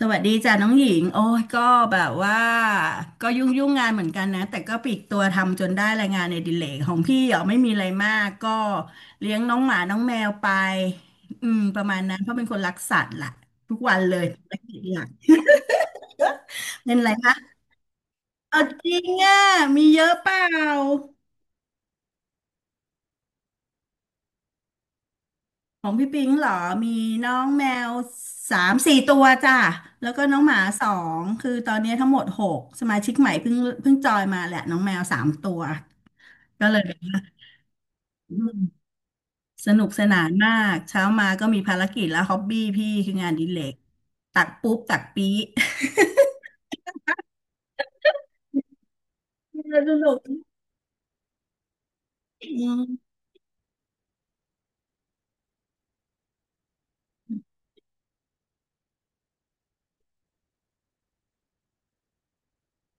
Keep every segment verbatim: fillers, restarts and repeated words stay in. สวัสดีจ้ะน้องหญิง โอ้ยก็แบบว่า ก็ยุ่งยุ่งงานเหมือนกันนะ แต่ก็ปลีกตัวทำจนได้รายงานในดิเลกของพี่เหรอไม่มีอะไรมากก็เลี้ยงน้องหมาน้องแมวไป อืม ประมาณนั้นเพราะเป็นคนรักสัตว์ล่ะทุกวันเลยธุรกิจหลักเป็นอะไรคะเอาจริงอ่ะมีเยอะเปล่าของพี่ปิงเหรอ มีน้องแมวสามสี่ตัวจ้ะ แล้วก็น้องหมาสองคือตอนนี้ทั้งหมดหกสมาชิกใหม่เพิ่งเพิ่งจอยมาแหละน้องแมวสามตัว ก็เลยแบบว่าอืมสนุกสนานมากเช้ามาก็มีภารกิจแล้วฮ็อบบี้พี่คืองานอดิเลกตักปุ๊บตักปี๊ เออสนุกอืม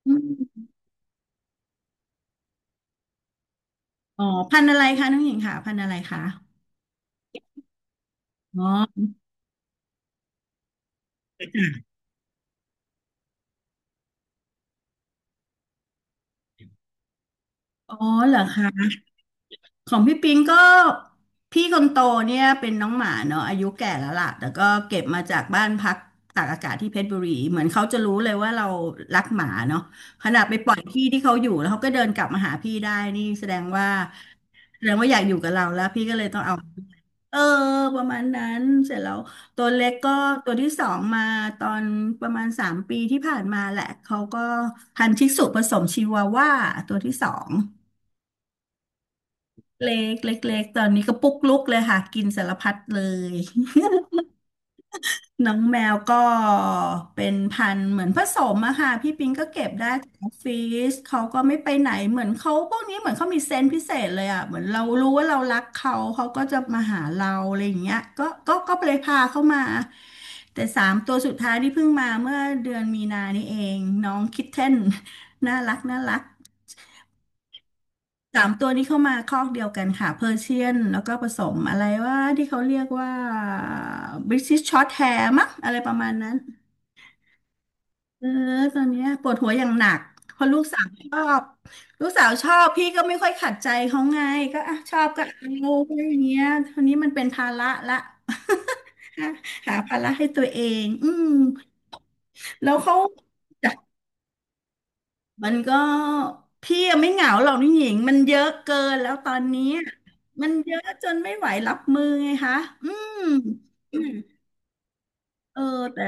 อืมอ๋อพันธุ์อะไรคะน้องหญิงค่ะพันธุ์อะไรคะอ๋ออ๋อเหรอคะ ของพี่ปิงก็พี่คนโตเนี่ยเป็นน้องหมาเนาะอายุแก่แล้วล่ะแต่ก็เก็บมาจากบ้านพักตากอากาศที่เพชรบุรีเหมือนเขาจะรู้เลยว่าเรารักหมาเนาะขนาดไปปล่อยที่ที่เขาอยู่แล้วเขาก็เดินกลับมาหาพี่ได้นี่แสดงว่าแสดงว่าอยากอยู่กับเราแล้วพี่ก็เลยต้องเอาเออประมาณนั้นเสร็จแล้วตัวเล็กก็ตัวที่สองมาตอนประมาณสามปีที่ผ่านมาแหละเขาก็พันธุ์ชิสุผสมชิวาว่าตัวที่สอง เล็กเล็กเล็กตอนนี้ก็ปุ๊กลุกเลยค่ะกินสารพัดเลย น้องแมวก็เป็นพันธุ์เหมือนผสมอะค่ะพี่ปิงก็เก็บได้จากออฟฟิศเขาก็ไม่ไปไหนเหมือนเขาพวกนี้เหมือนเขามีเซนส์พิเศษเลยอะเหมือนเรารู้ว่าเรารักเขาเขาก็จะมาหาเราอะไรอย่างเงี้ยก็ก็ก็เลยพาเข้ามาแต่สามตัวสุดท้ายที่เพิ่งมาเมื่อเดือนมีนานี้เองน้องคิทเทน น่ารักน่ารัก สามตัวนี้เข้ามาคอกเดียวกันค่ะเพอร์เชียนแล้วก็ผสมอะไรว่าที่เขาเรียกว่าบริ i ิชช็อตแฮร์มั้งอะไรประมาณนั้นเออตอนเนี้ยปวดหัวอย่างหนักเพราะลูกสาวชอบลูกสาวชอบพี่ก็ไม่ค่อยขัดใจเขาไงก็อ่ะชอบก็เอาอะไรอย่างเงี้ยทีนี้มันเป็นภาระละ หาภาระให้ตัวเองอืมแล้วเขา มันก็พี่ยังไม่เหงาหรอกนี่หญิงมันเยอะเกินแล้วตอนนี้มันเยอะจนไม่ไหวรับมือไงคะอืมเออแต่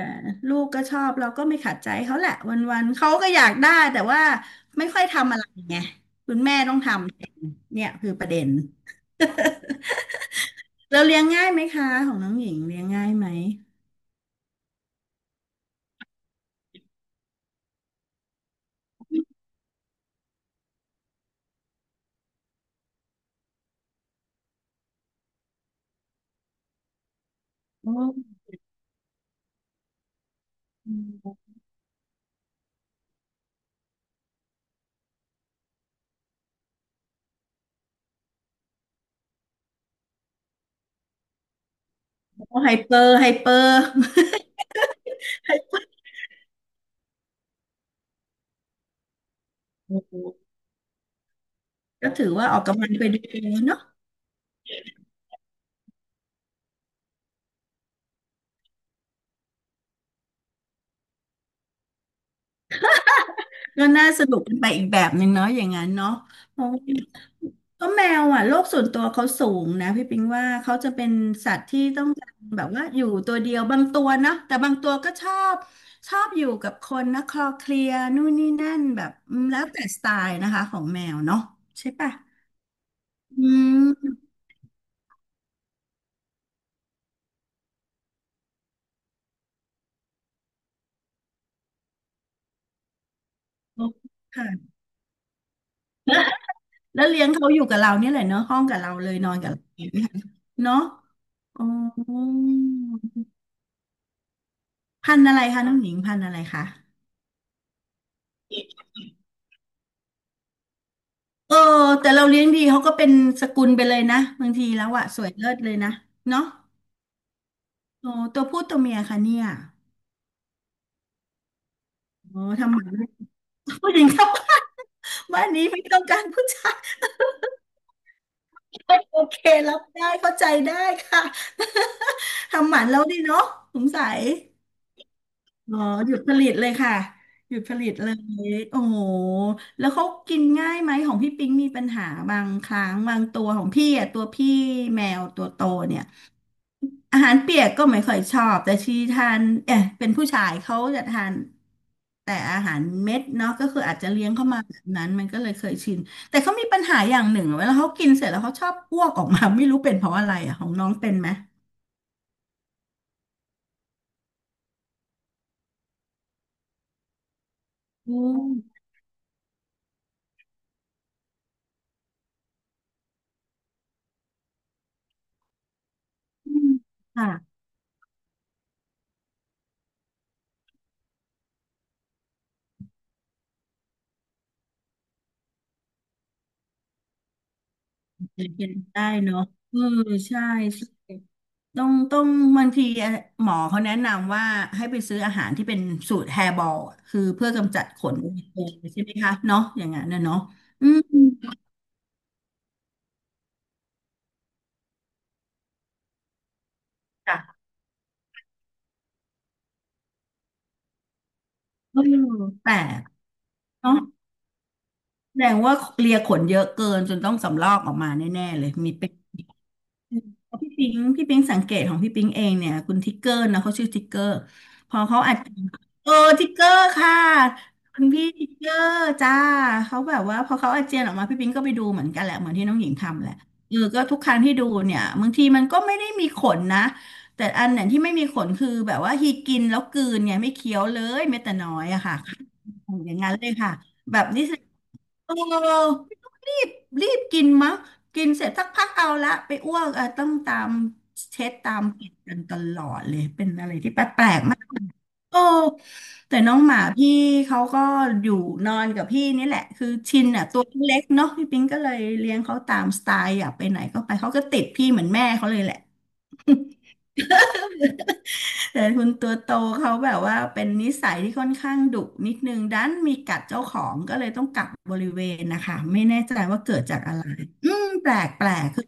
ลูกก็ชอบเราก็ไม่ขัดใจเขาแหละวันๆเขาก็อยากได้แต่ว่าไม่ค่อยทำอะไรไงคุณแม่ต้องทำเนี่ยคือประเด็นเราเลี้ยงง่ายไหมคะของน้องหญิงเลี้ยงง่ายไหมโอ้ไฮเปอร์ไฮเปอร์ ก็ถือว่าออกกำลังไปด้วยเนาะ ก็น่าสนุกเป็นไปอีกแบบหนึ่งเนาะอย่างนั้นเนาะเพราะว่าก็แมวอ่ะโลกส่วนตัวเขาสูงนะพี่ปิงว่าเขาจะเป็นสัตว์ที่ต้องการแบบว่าอยู่ตัวเดียวบางตัวเนาะแต่บางตัวก็ชอบชอบอยู่กับคนนะคลอเคลียร์นู่นนี่นั่นแบบอืมแล้วแต่สไตล์นะคะของแมวเนาะใช่ปะอืมโอเคค่ะแล้วเลี้ยงเขาอยู่กับเราเนี่ยแหละเนาะห้องกับเราเลยนอนกับเราเลยเนาะอ๋อพันธุ์อะไรคะน้องหญิงพันธุ์อะไรคะ เออแต่เราเลี้ยงดีเขาก็เป็นสกุลไปเลยนะบางทีแล้วอะสวยเลิศเลยนะเนาะโอ้ตัวผู้ตัวเมียค่ะเนี่ยโอ้ทำหมันผู้หญิงครับบ้านบ้านนี้ไม่ต้องการผู้ชายโอเครับได้เข้าใจได้ค่ะ ทำหมันแล้วดีเนาะสงสัย อ๋อหยุดผลิตเลยค่ะหยุดผลิตเลยโอ้โหแล้วเขากินง่ายไหมของพี่ปิ๊งมีปัญหาบางครั้งบางตัวของพี่อ่ะตัวพี่แมวตัวโตเนี่ยอาหารเปียกก็ไม่ค่อยชอบแต่ชีทานเอ๊ะเป็นผู้ชายเขาจะทานแต่อาหารเม็ดเนาะก็คืออาจจะเลี้ยงเข้ามาแบบนั้นมันก็เลยเคยชินแต่เขามีปัญหาอย่างหนึ่งเวลาเขากินเสร็จแล้วเขาชอบอ้วกออกมาไม่รู้เป็นเพราะอะไรอ่ะของน้องเป็นไหมอืมอืมค่ะ เป็นได้เนาะเออใช่ใช่ต้องต้องบางทีหมอเขาแนะนำว่าให้ไปซื้ออาหารที่เป็นสูตรแฮร์บอลคือเพื่อกำจัดขนเองใช่ไหมคะเนาะอย่างนั้นนะเนาะอืมจ้ะเออแต่เนาะแสดงว่าเลียขนเยอะเกินจนต้องสำรอกออกมาแน่ๆเลยมีเป็น อืมพี่ปิงพี่ปิงสังเกตของพี่ปิงเองเนี่ยคุณทิกเกอร์นะเขาชื่อทิกเกอร์พอเขาอัดเออทิกเกอร์ค่ะคุณพี่ทิกเกอร์จ้าเขาแบบว่าพอเขาอาเจียนออกมาพี่ปิงก็ไปดูเหมือนกันแหละเหมือนที่น้องหญิงทำแหละเออก็ทุกครั้งที่ดูเนี่ยบางทีมันก็ไม่ได้มีขนนะแต่อันเนี่ยที่ไม่มีขนคือแบบว่าฮีกินแล้วกลืนไงไม่เคี้ยวเลยแม้แต่น้อยอะค่ะ โอ้อย่างนั้นเลยค่ะแบบนี้สิเออไม่ต้องรีบรีบกินมะกินเสร็จสักพักเอาละไปอ้วกเออต้องตามเช็ดตามปิดกันตลอดเลยเป็นอะไรที่แปลกๆมากโอ้แต่น้องหมาพี่เขาก็อยู่นอนกับพี่นี่แหละคือชินอ่ะตัวเล็กเนาะพี่ปิงก็เลยเลี้ยงเขาตามสไตล์อยากไปไหนก็ไปเขาก็ติดพี่เหมือนแม่เขาเลยแหละ แต่คุณตัวโตเขาแบบว่าเป็นนิสัยที่ค่อนข้างดุนิดนึงดันมีกัดเจ้าของก็เลยต้องกักบริเวณนะคะไม่แน่ใจว่าเกิดจากอะไรอืมแปลกแปลกคือ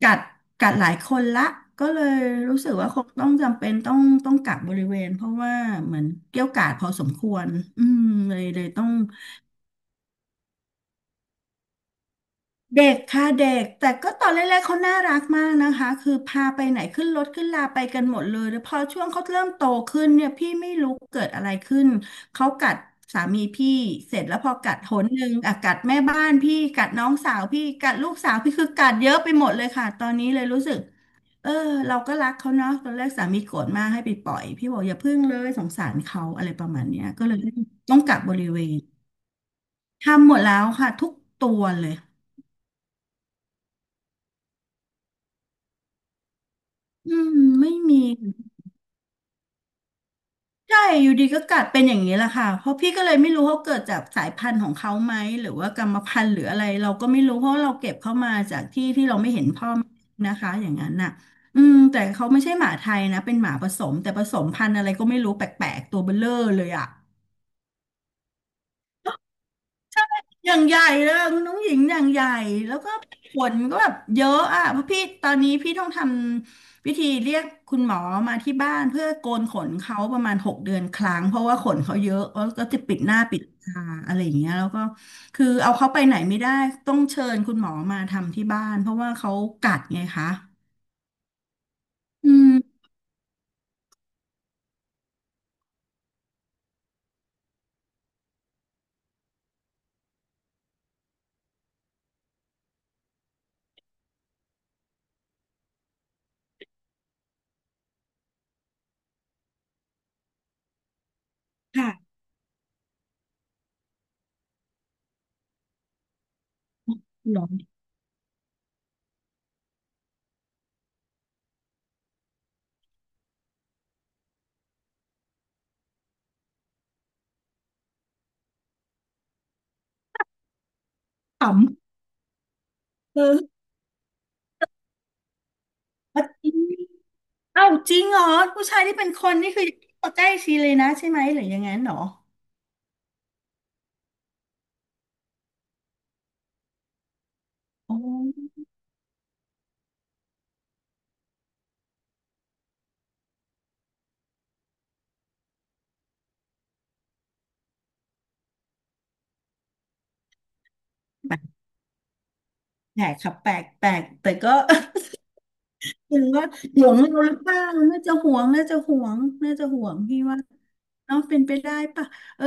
กัดกัดหลายคนละก็เลยรู้สึกว่าคงต้องจำเป็นต้องต้องกักบริเวณเพราะว่าเหมือนเกรี้ยวกราดพอสมควรอืมเลยเลยต้อง เด็กค่ะเด็กแต่ก็ตอนแรกๆเขาน่ารักมากนะคะคือพาไปไหนขึ้นรถขึ้นลาไปกันหมดเลยแล้วพอช่วงเขาเริ่มโตขึ้นเนี่ยพี่ไม่รู้เกิดอะไรขึ้นเขากัดสามีพี่เสร็จแล้วพอกัดหนหนึ่งอ่ะกัดแม่บ้านพี่กัดน้องสาวพี่กัดลูกสาวพี่คือกัดเยอะไปหมดเลยค่ะตอนนี้เลยรู้สึกเออเราก็รักเขาเนาะตอนแรกสามีโกรธมากให้ไปปล่อยพี่บอกอย่าพึ่งเลยสงสารเขาอะไรประมาณเนี้ยก็เลยต้องกักบริเวณทำหมดแล้วค่ะทุกตัวเลย อืมไม่มีใช่อยู่ดีก็กัดเป็นอย่างนี้แหละค่ะเพราะพี่ก็เลยไม่รู้เขาเกิดจากสายพันธุ์ของเขาไหมหรือว่ากรรมพันธุ์หรืออะไรเราก็ไม่รู้เพราะเราเก็บเข้ามาจากที่ที่เราไม่เห็นพ่อแม่นะคะอย่างนั้นน่ะอืมแต่เขาไม่ใช่หมาไทยนะเป็นหมาผสมแต่ผสมพันธุ์อะไรก็ไม่รู้แปลกๆตัวเบ้อเร่อเลยอ่ะ อย่างใหญ่เลยคุณน้องหญิงอย่างใหญ่แล้วก็ผลก็แบบเยอะอ่ะเพราะพี่ตอนนี้พี่ต้องทำวิธีเรียกคุณหมอมาที่บ้านเพื่อโกนขนเขาประมาณหกเดือนครั้งเพราะว่าขนเขาเยอะแล้วก็จะปิดหน้าปิดตาอะไรอย่างเงี้ยแล้วก็คือเอาเขาไปไหนไม่ได้ต้องเชิญคุณหมอมาทำที่บ้านเพราะว่าเขากัดไงคะอืมค่ะหลอนขำเออจริงเอ้าจริงเหรอผู้ชายที่เป็นคนนี่คือใกล้ชีเลยนะใช่ไหมหรือยังงั้นเหรอออ แปลกครับแปลกแปลกแต่ก็ ถึงว่าห่วงเราหรือเปล่าน่าจะห่วงน่าจะห่วงน่าจะห่วงพี่ว่าเนาะเป็นไปได้ปะเออ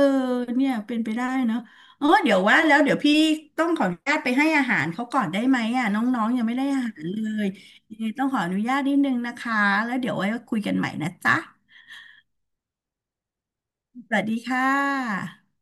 เนี่ยเป็นไปได้เนาะอ๋อเดี๋ยวว่าแล้วเดี๋ยวพี่ต้องขออนุญาตไปให้อาหารเขาก่อนได้ไหมอ่ะน้องๆยังไม่ได้อาหารเลยยังไงต้องขออนุญาตนิดนึงนะคะแล้วเดี๋ยวไว้คุยกันใหม่นะจ๊ะสวัสดีค่ะ